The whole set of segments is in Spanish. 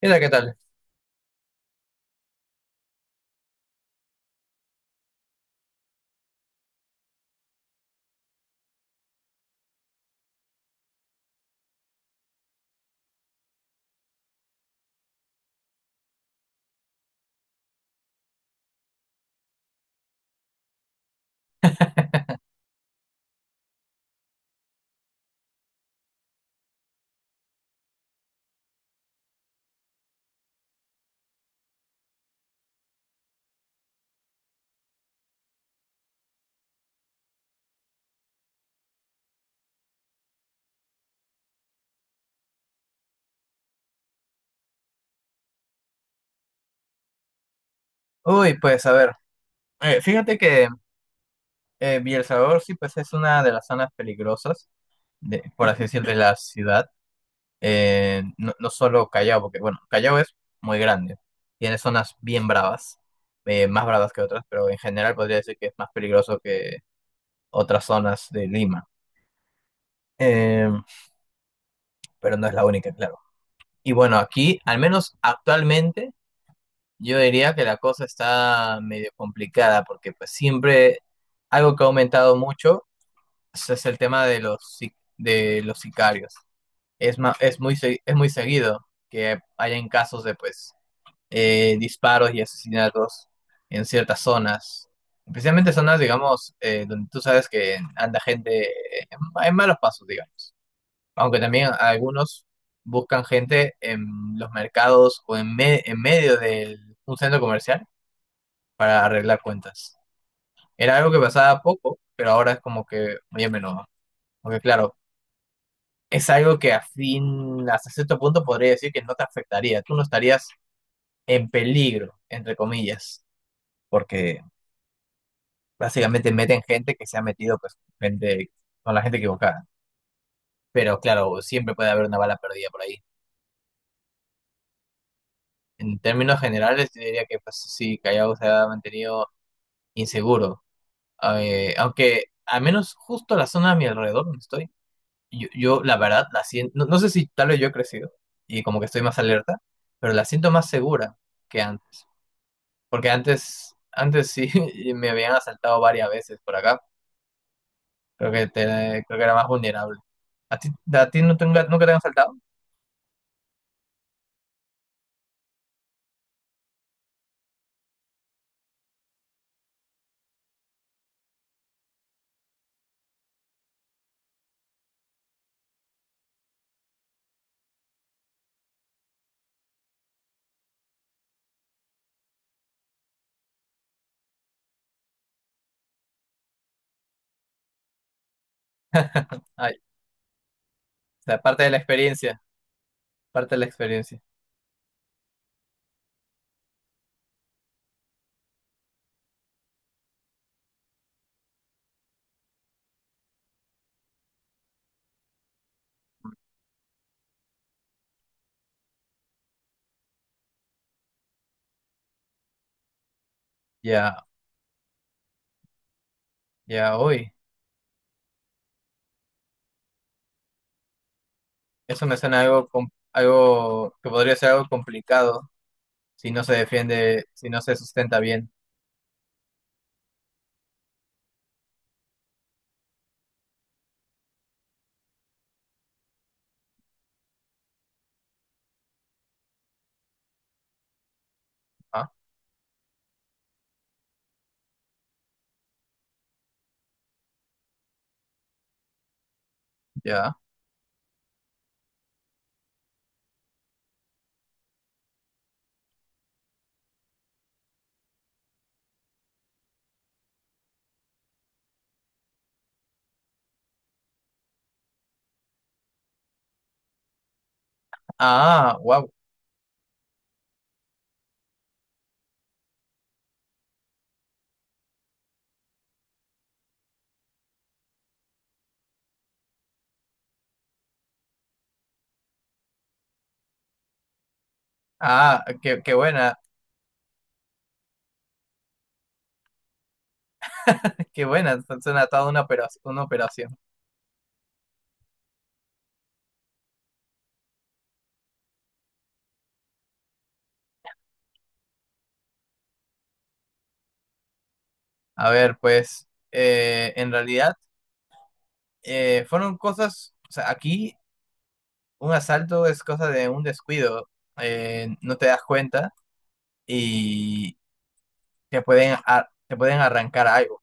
Mira, ¿qué tal? Uy, pues a ver, fíjate que El Salvador sí pues es una de las zonas peligrosas, de, por así decirlo, de la ciudad. No, no solo Callao, porque bueno, Callao es muy grande, tiene zonas bien bravas, más bravas que otras, pero en general podría decir que es más peligroso que otras zonas de Lima. Eh, pero no es la única, claro. Y bueno, aquí, al menos actualmente, yo diría que la cosa está medio complicada, porque pues siempre algo que ha aumentado mucho. Ese es el tema de los, de los sicarios. Es, es, muy, es muy seguido que hayan casos de pues disparos y asesinatos en ciertas zonas, especialmente zonas, digamos, donde tú sabes que anda gente en, en malos pasos, digamos. Aunque también algunos buscan gente en los mercados o en, en medio de un centro comercial para arreglar cuentas. Era algo que pasaba poco, pero ahora es como que muy a menudo. Porque claro, es algo que a fin, hasta cierto punto podría decir que no te afectaría. Tú no estarías en peligro, entre comillas, porque básicamente meten gente que se ha metido pues, gente, con la gente equivocada. Pero claro, siempre puede haber una bala perdida por ahí. En términos generales, yo diría que pues, sí, Callao se ha mantenido inseguro. Aunque al menos justo la zona a mi alrededor donde estoy, yo, la verdad la siento, no, no sé si tal vez yo he crecido y como que estoy más alerta, pero la siento más segura que antes. Porque antes, antes sí me habían asaltado varias veces por acá. Creo que creo que era más vulnerable. ¿A ti, a ti nunca te han asaltado? Ay, o sea, parte de la experiencia, parte de la experiencia. Ya, ya, uy. Eso me suena algo, algo que podría ser algo complicado si no se defiende, si no se sustenta bien. Ah, ya. Ah, wow. Ah, qué, qué buena, qué buena. Suena toda una operación, una operación. A ver, pues, en realidad. Fueron cosas, o sea, aquí un asalto es cosa de un descuido, no te das cuenta y te pueden, te pueden arrancar algo.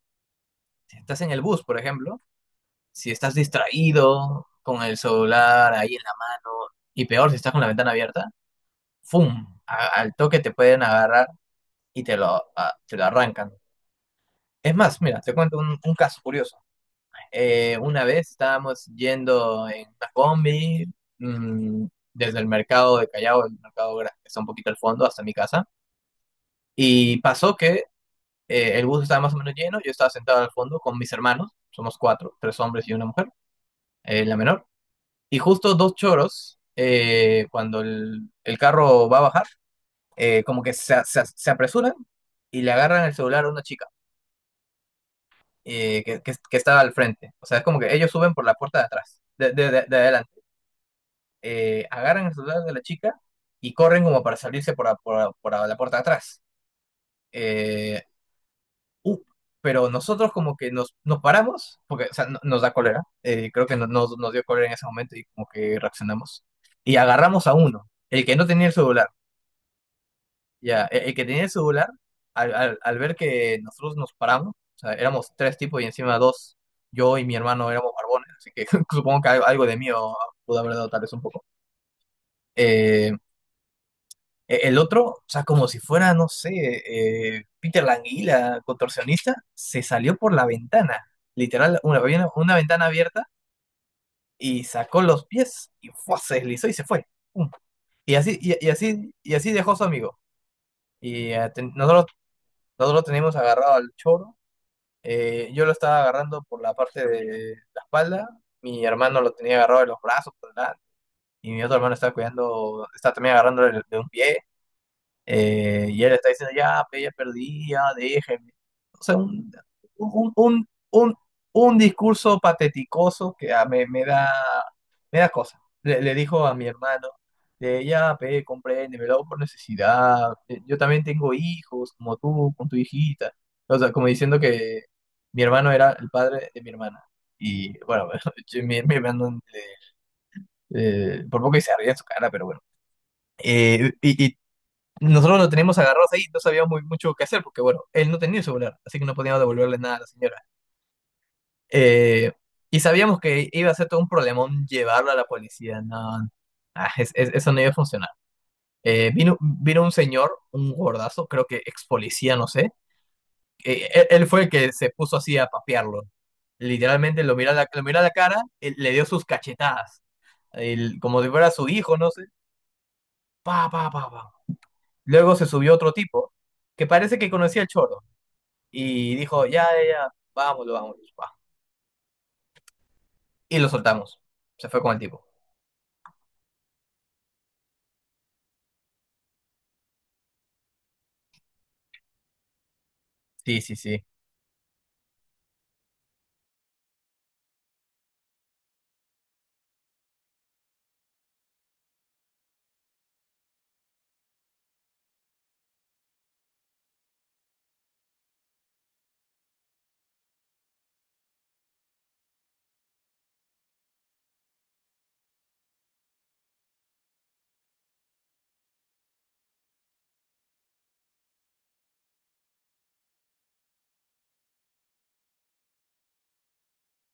Si estás en el bus, por ejemplo, si estás distraído con el celular ahí en la mano y peor si estás con la ventana abierta, ¡fum! Al toque te pueden agarrar y te lo arrancan. Es más, mira, te cuento un caso curioso. Una vez estábamos yendo en una combi, mm, desde el mercado de Callao, el mercado que está un poquito al fondo, hasta mi casa. Y pasó que el bus estaba más o menos lleno, yo estaba sentado al fondo con mis hermanos, somos cuatro, tres hombres y una mujer, la menor. Y justo dos choros, cuando el carro va a bajar, como que se apresuran y le agarran el celular a una chica, que estaba al frente. O sea, es como que ellos suben por la puerta de atrás, de adelante. Agarran el celular de la chica y corren como para salirse por, a la puerta de atrás. Eh, uh, pero nosotros como que nos paramos, porque o sea, nos da cólera, creo que nos dio cólera en ese momento y como que reaccionamos. Y agarramos a uno, el que no tenía el celular. Ya, el que tenía el celular, al ver que nosotros nos paramos, o sea, éramos tres tipos y encima dos, yo y mi hermano éramos barbones, así que supongo que algo, algo de mí pudo haber dado tal vez un poco. Eh, El otro, o sea, como si fuera, no sé, Peter Languila, contorsionista, se salió por la ventana, literal, había una ventana abierta y sacó los pies y ¡fua! Se deslizó y se fue. ¡Pum! Y así dejó su amigo. Nosotros nosotros lo teníamos agarrado al choro. Yo lo estaba agarrando por la parte de la espalda. Mi hermano lo tenía agarrado de los brazos por delante. Y mi otro hermano estaba cuidando, estaba también agarrando de un pie. Y él está diciendo, ya, pe, ya perdí, ya, déjenme. O sea, un, un, un, un discurso pateticoso que ah, me da cosa. Le dijo a mi hermano, de, ya, pe, compréndeme, lo hago por necesidad. Yo también tengo hijos, como tú, con tu hijita. O sea, como diciendo que mi hermano era el padre de mi hermana. Y bueno, mi hermano, por poco y se ría en su cara, pero bueno. Eh, y, Nosotros lo teníamos agarrados ahí, no sabíamos muy, mucho qué hacer, porque bueno, él no tenía celular, así que no podíamos devolverle nada a la señora. Eh, Sabíamos que iba a ser todo un problemón llevarlo a la policía, no, no. Eso no iba a funcionar. Vino un señor, un gordazo, creo que ex policía, no sé, que él fue el que se puso así a papearlo. Literalmente lo mira a la cara, le dio sus cachetadas, como si fuera su hijo, no sé, pa, pa, pa, pa. Luego se subió otro tipo, que parece que conocía el choro. Y dijo, ya, ya, ya, vámonos, vámonos, va. Y lo soltamos. Se fue con el tipo. Sí, sí, sí.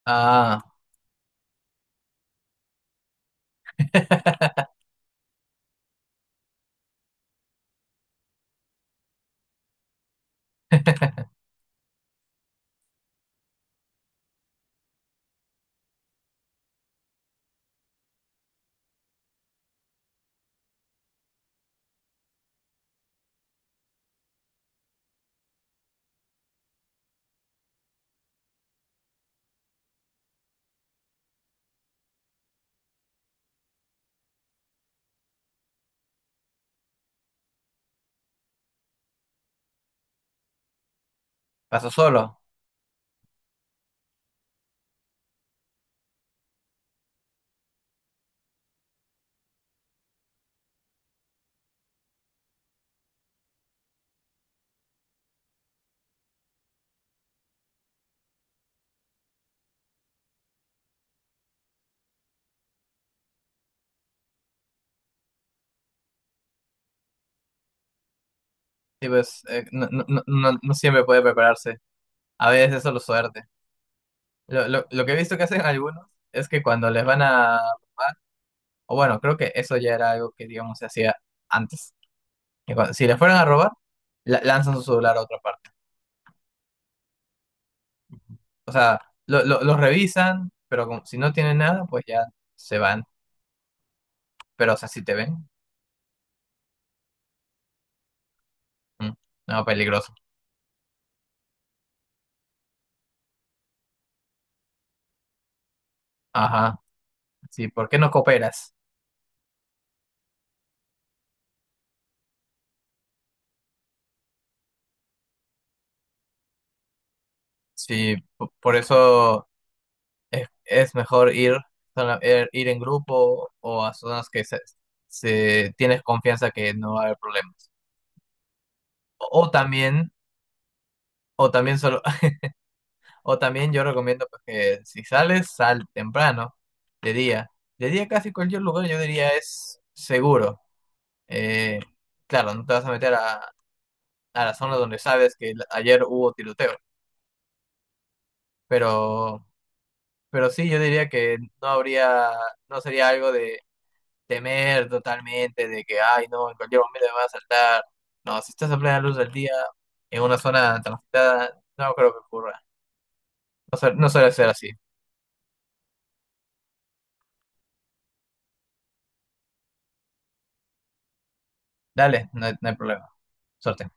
Ah, pasó solo. Sí, pues, no, no, no, no siempre puede prepararse. A veces es solo suerte. Lo que he visto que hacen algunos es que cuando les van a robar, o bueno, creo que eso ya era algo que, digamos, se hacía antes. Si les fueran a robar, lanzan su celular a otra parte. O sea, lo revisan, pero si no tienen nada, pues ya se van. Pero, o sea, si te ven, mm, no, peligroso. Ajá, sí, ¿por qué no cooperas? Sí, por eso es mejor ir, ir en grupo o a zonas que tienes confianza que no va a haber problemas. O, también, o también solo, o también yo recomiendo pues, que si sales, sal temprano, de día. De día casi cualquier lugar yo diría es seguro. Eh, claro, no te vas a meter a la zona donde sabes que ayer hubo tiroteo, pero Pero sí, yo diría que no sería algo de temer totalmente, de que, ay, no, en cualquier momento me va a saltar. No, si estás a plena luz del día, en una zona transitada, no creo que ocurra. No, no suele ser así. Dale, no hay problema. Suerte.